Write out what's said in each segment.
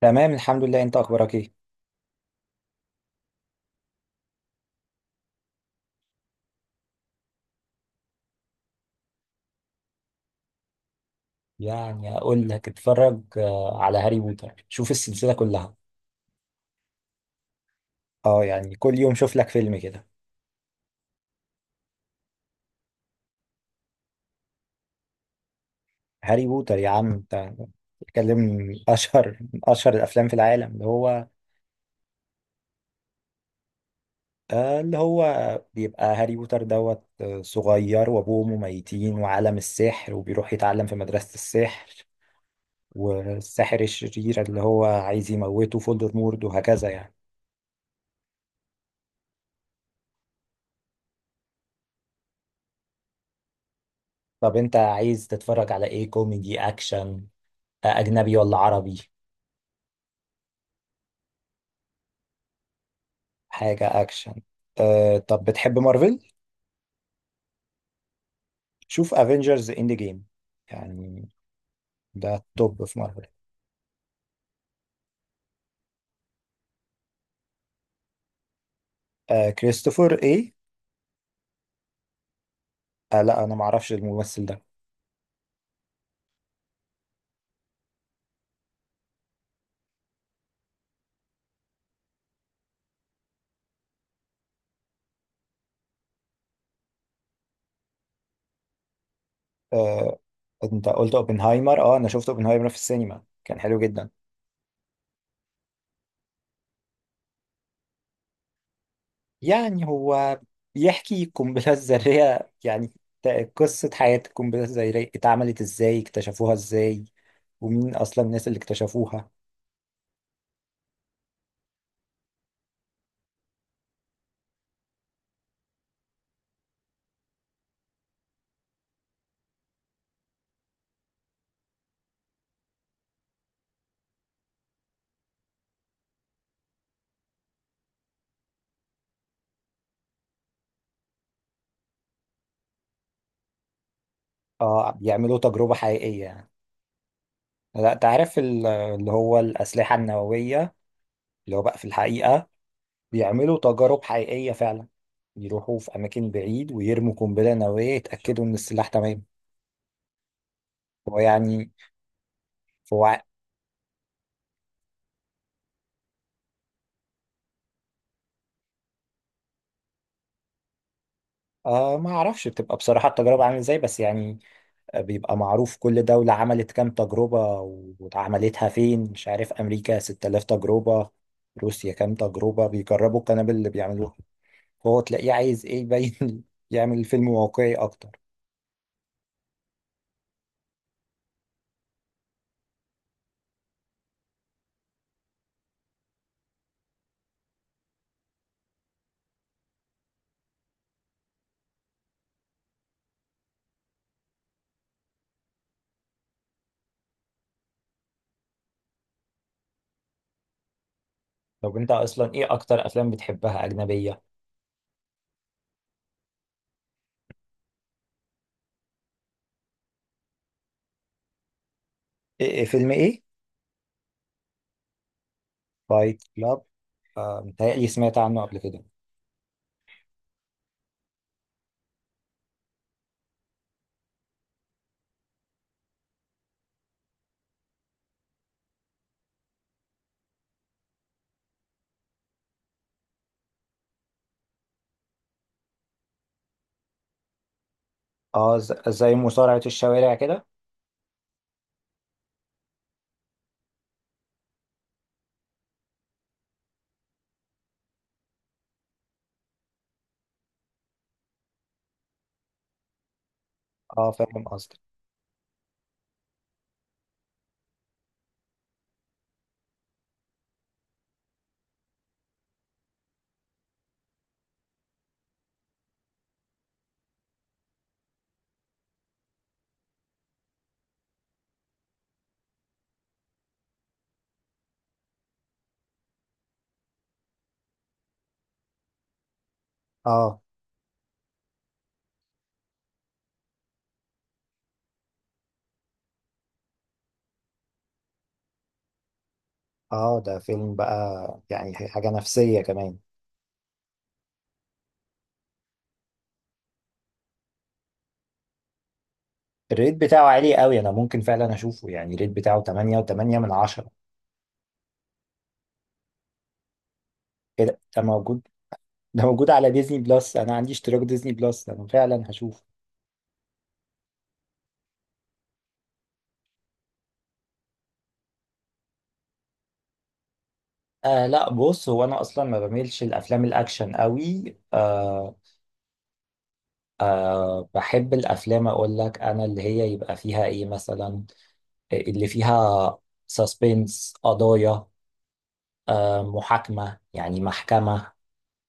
تمام، الحمد لله. انت اخبارك ايه؟ يعني اقول لك اتفرج على هاري بوتر، شوف السلسله كلها. اه، يعني كل يوم شوف لك فيلم كده. هاري بوتر يا عم انت، بتتكلم من اشهر الافلام في العالم، اللي هو اللي هو بيبقى هاري بوتر دوت، صغير وابوه ميتين، وعالم السحر، وبيروح يتعلم في مدرسة السحر. والساحر الشرير اللي هو عايز يموته فولدرمورت، وهكذا يعني. طب انت عايز تتفرج على ايه؟ كوميدي، اكشن، اجنبي ولا عربي؟ حاجه اكشن. طب بتحب مارفل؟ شوف افنجرز اند جيم، يعني ده التوب في مارفل. كريستوفر ايه؟ لا، انا ما اعرفش الممثل ده. أه انت قلت اوبنهايمر. اه، انا شفت اوبنهايمر في السينما، كان حلو جدا. يعني هو بيحكي القنبله الذريه يعني، قصه حياه القنبله الذريه، اتعملت ازاي، اكتشفوها ازاي، ومين اصلا الناس اللي اكتشفوها. اه، بيعملوا تجربه حقيقيه يعني. لا، تعرف اللي هو الأسلحة النووية، اللي هو بقى في الحقيقة بيعملوا تجارب حقيقية فعلا. يروحوا في أماكن بعيد ويرموا قنبلة نووية يتأكدوا إن السلاح تمام. هو يعني هو ما أعرفش بتبقى بصراحة التجربة عاملة إزاي، بس يعني بيبقى معروف كل دولة عملت كام تجربة وعملتها فين. مش عارف، أمريكا 6000 تجربة، روسيا كام تجربة، بيجربوا القنابل اللي بيعملوها. فهو تلاقيه عايز إيه؟ يبين يعمل فيلم واقعي أكتر. طب انت اصلا ايه اكتر افلام بتحبها اجنبيه؟ إيه فيلم ايه؟ فايت كلاب. متهيألي سمعت عنه قبل كده. اه، زي مصارعه الشوارع كده. اه، فاهم قصدك. اه اه، ده فيلم بقى يعني حاجه نفسيه كمان. الريت بتاعه عالي قوي، انا ممكن فعلا اشوفه. يعني الريت بتاعه 8 و8 من 10. ايه ده موجود؟ ده موجود على ديزني بلس، انا عندي اشتراك ديزني بلس، انا فعلا هشوفه. لا، بص هو انا اصلا ما بميلش الافلام الاكشن قوي. آه أه بحب الأفلام، أقول لك أنا اللي هي يبقى فيها إيه مثلا؟ اللي فيها سسبنس، قضايا، محاكمة، يعني محكمة،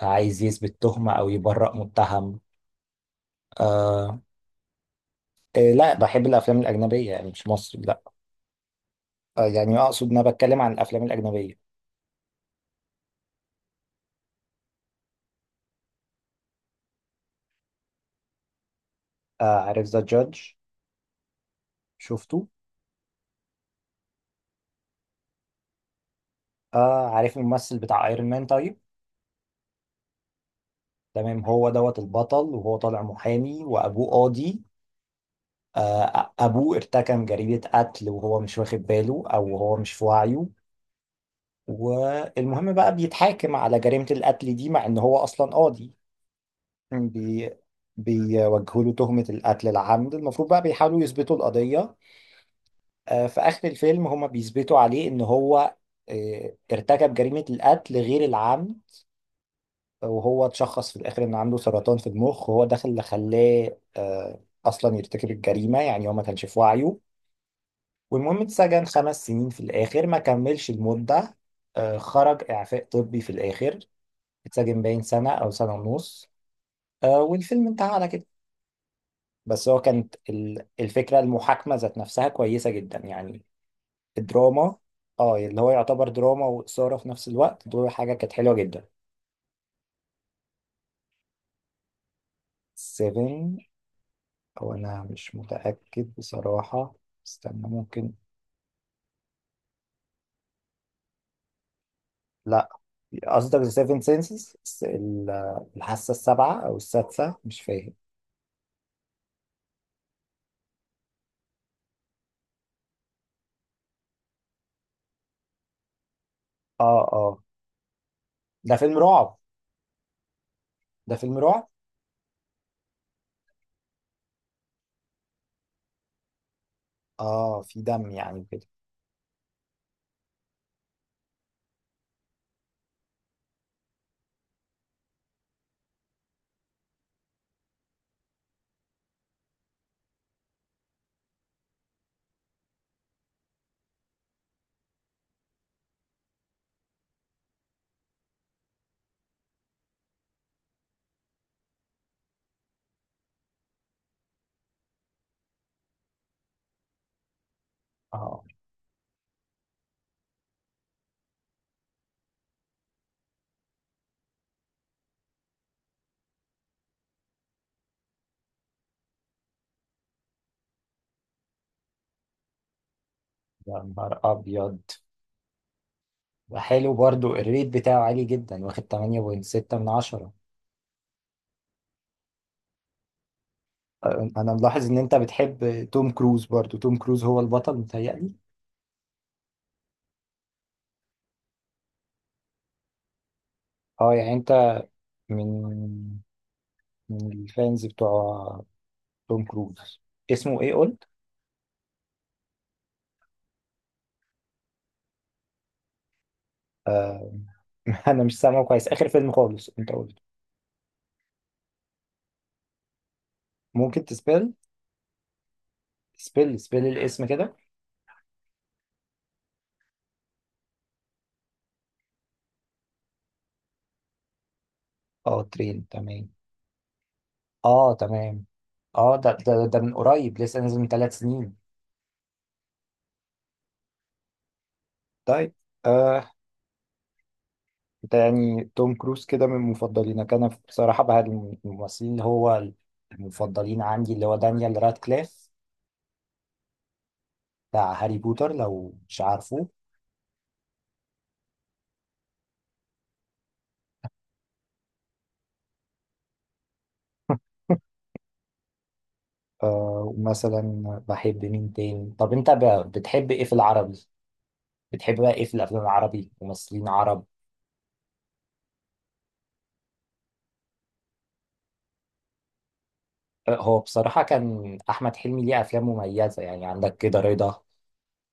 عايز يثبت تهمة أو يبرأ متهم. أه إيه، لا، بحب الأفلام الأجنبية، يعني مش مصري، لا. يعني أقصد أنا بتكلم عن الأفلام الأجنبية. عارف ذا جادج؟ شفته. عارف الممثل بتاع أيرون مان؟ طيب، تمام، هو دوت البطل، وهو طالع محامي وأبوه قاضي. أبوه ارتكب جريمة قتل وهو مش واخد باله، أو هو مش في وعيه. والمهم بقى بيتحاكم على جريمة القتل دي مع إن هو أصلا قاضي. بي بيوجهوا له تهمة القتل العمد، المفروض بقى بيحاولوا يثبتوا القضية. في آخر الفيلم هما بيثبتوا عليه إن هو ارتكب جريمة القتل غير العمد. وهو اتشخص في الآخر إن عنده سرطان في المخ، وهو ده اللي خلاه أصلا يرتكب الجريمة، يعني هو ما كانش في وعيه. والمهم اتسجن 5 سنين في الآخر، ما كملش المدة. خرج إعفاء طبي في الآخر. اتسجن باين سنة أو سنة ونص. والفيلم انتهى على كده. بس هو كانت الفكرة، المحاكمة ذات نفسها، كويسة جدا يعني. الدراما، اه، اللي هو يعتبر دراما وإثارة في نفس الوقت، دول حاجة كانت حلوة جدا. سيفن، أو أنا مش متأكد بصراحة. استنى ممكن. لا، قصدك ذا سيفن سينسز؟ الحاسة السابعة أو السادسة، مش فاهم. اه اه، ده فيلم رعب. ده فيلم رعب. اه، في دم يعني كده. اه، يا نهار ابيض. وحلو برضو، الريت بتاعه عالي جدا، واخد 8.6 من 10. انا ملاحظ ان انت بتحب توم كروز. برضو توم كروز هو البطل متهيألي. اه، يعني انت من من الفانز بتوع توم كروز. اسمه ايه قلت؟ آه انا مش سامعه كويس، اخر فيلم خالص انت قلت؟ ممكن تسبيل؟ سبيل سبيل الاسم كده. اه، ترين، تمام. اه، تمام. اه، ده من قريب، لسه نازل من 3 سنين. طيب. آه ده يعني توم كروز كده من مفضلينك. انا بصراحة بقى الممثلين اللي هو المفضلين عندي اللي هو دانيال رادكليف، بتاع هاري بوتر لو مش عارفه. ومثلا بحب مين تاني؟ طب انت بتحب ايه في العربي؟ بتحب بقى ايه في الافلام العربي، ممثلين عرب؟ هو بصراحة كان احمد حلمي ليه افلام مميزة، يعني عندك كده رضا،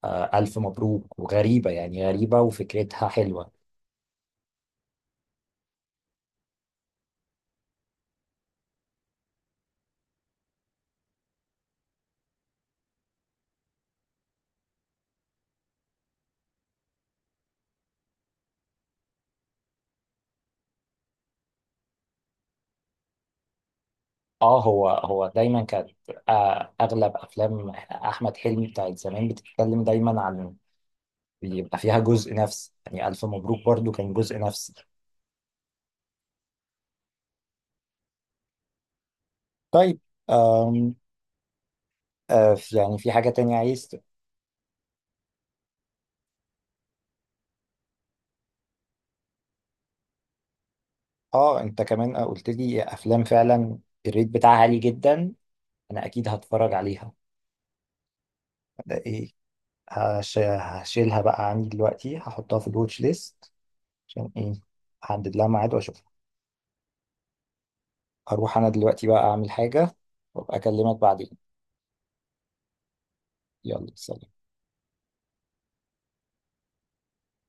ألف مبروك، وغريبة، يعني غريبة وفكرتها حلوة. اه، هو دايما كانت أغلب أفلام أحمد حلمي بتاعت زمان بتتكلم دايما عن اللي يبقى فيها جزء نفس، يعني ألف مبروك برضو كان جزء نفس. طيب. آم يعني في حاجة تانية عايز اه، انت كمان قلت لي أفلام فعلا الريت بتاعها عالي جدا، أنا أكيد هتفرج عليها. ده ايه؟ هشيلها بقى عندي دلوقتي، هحطها في الواتش ليست عشان ايه؟ احدد لها ميعاد واشوف. هروح انا دلوقتي بقى اعمل حاجة، وابقى اكلمك بعدين. يلا سلام.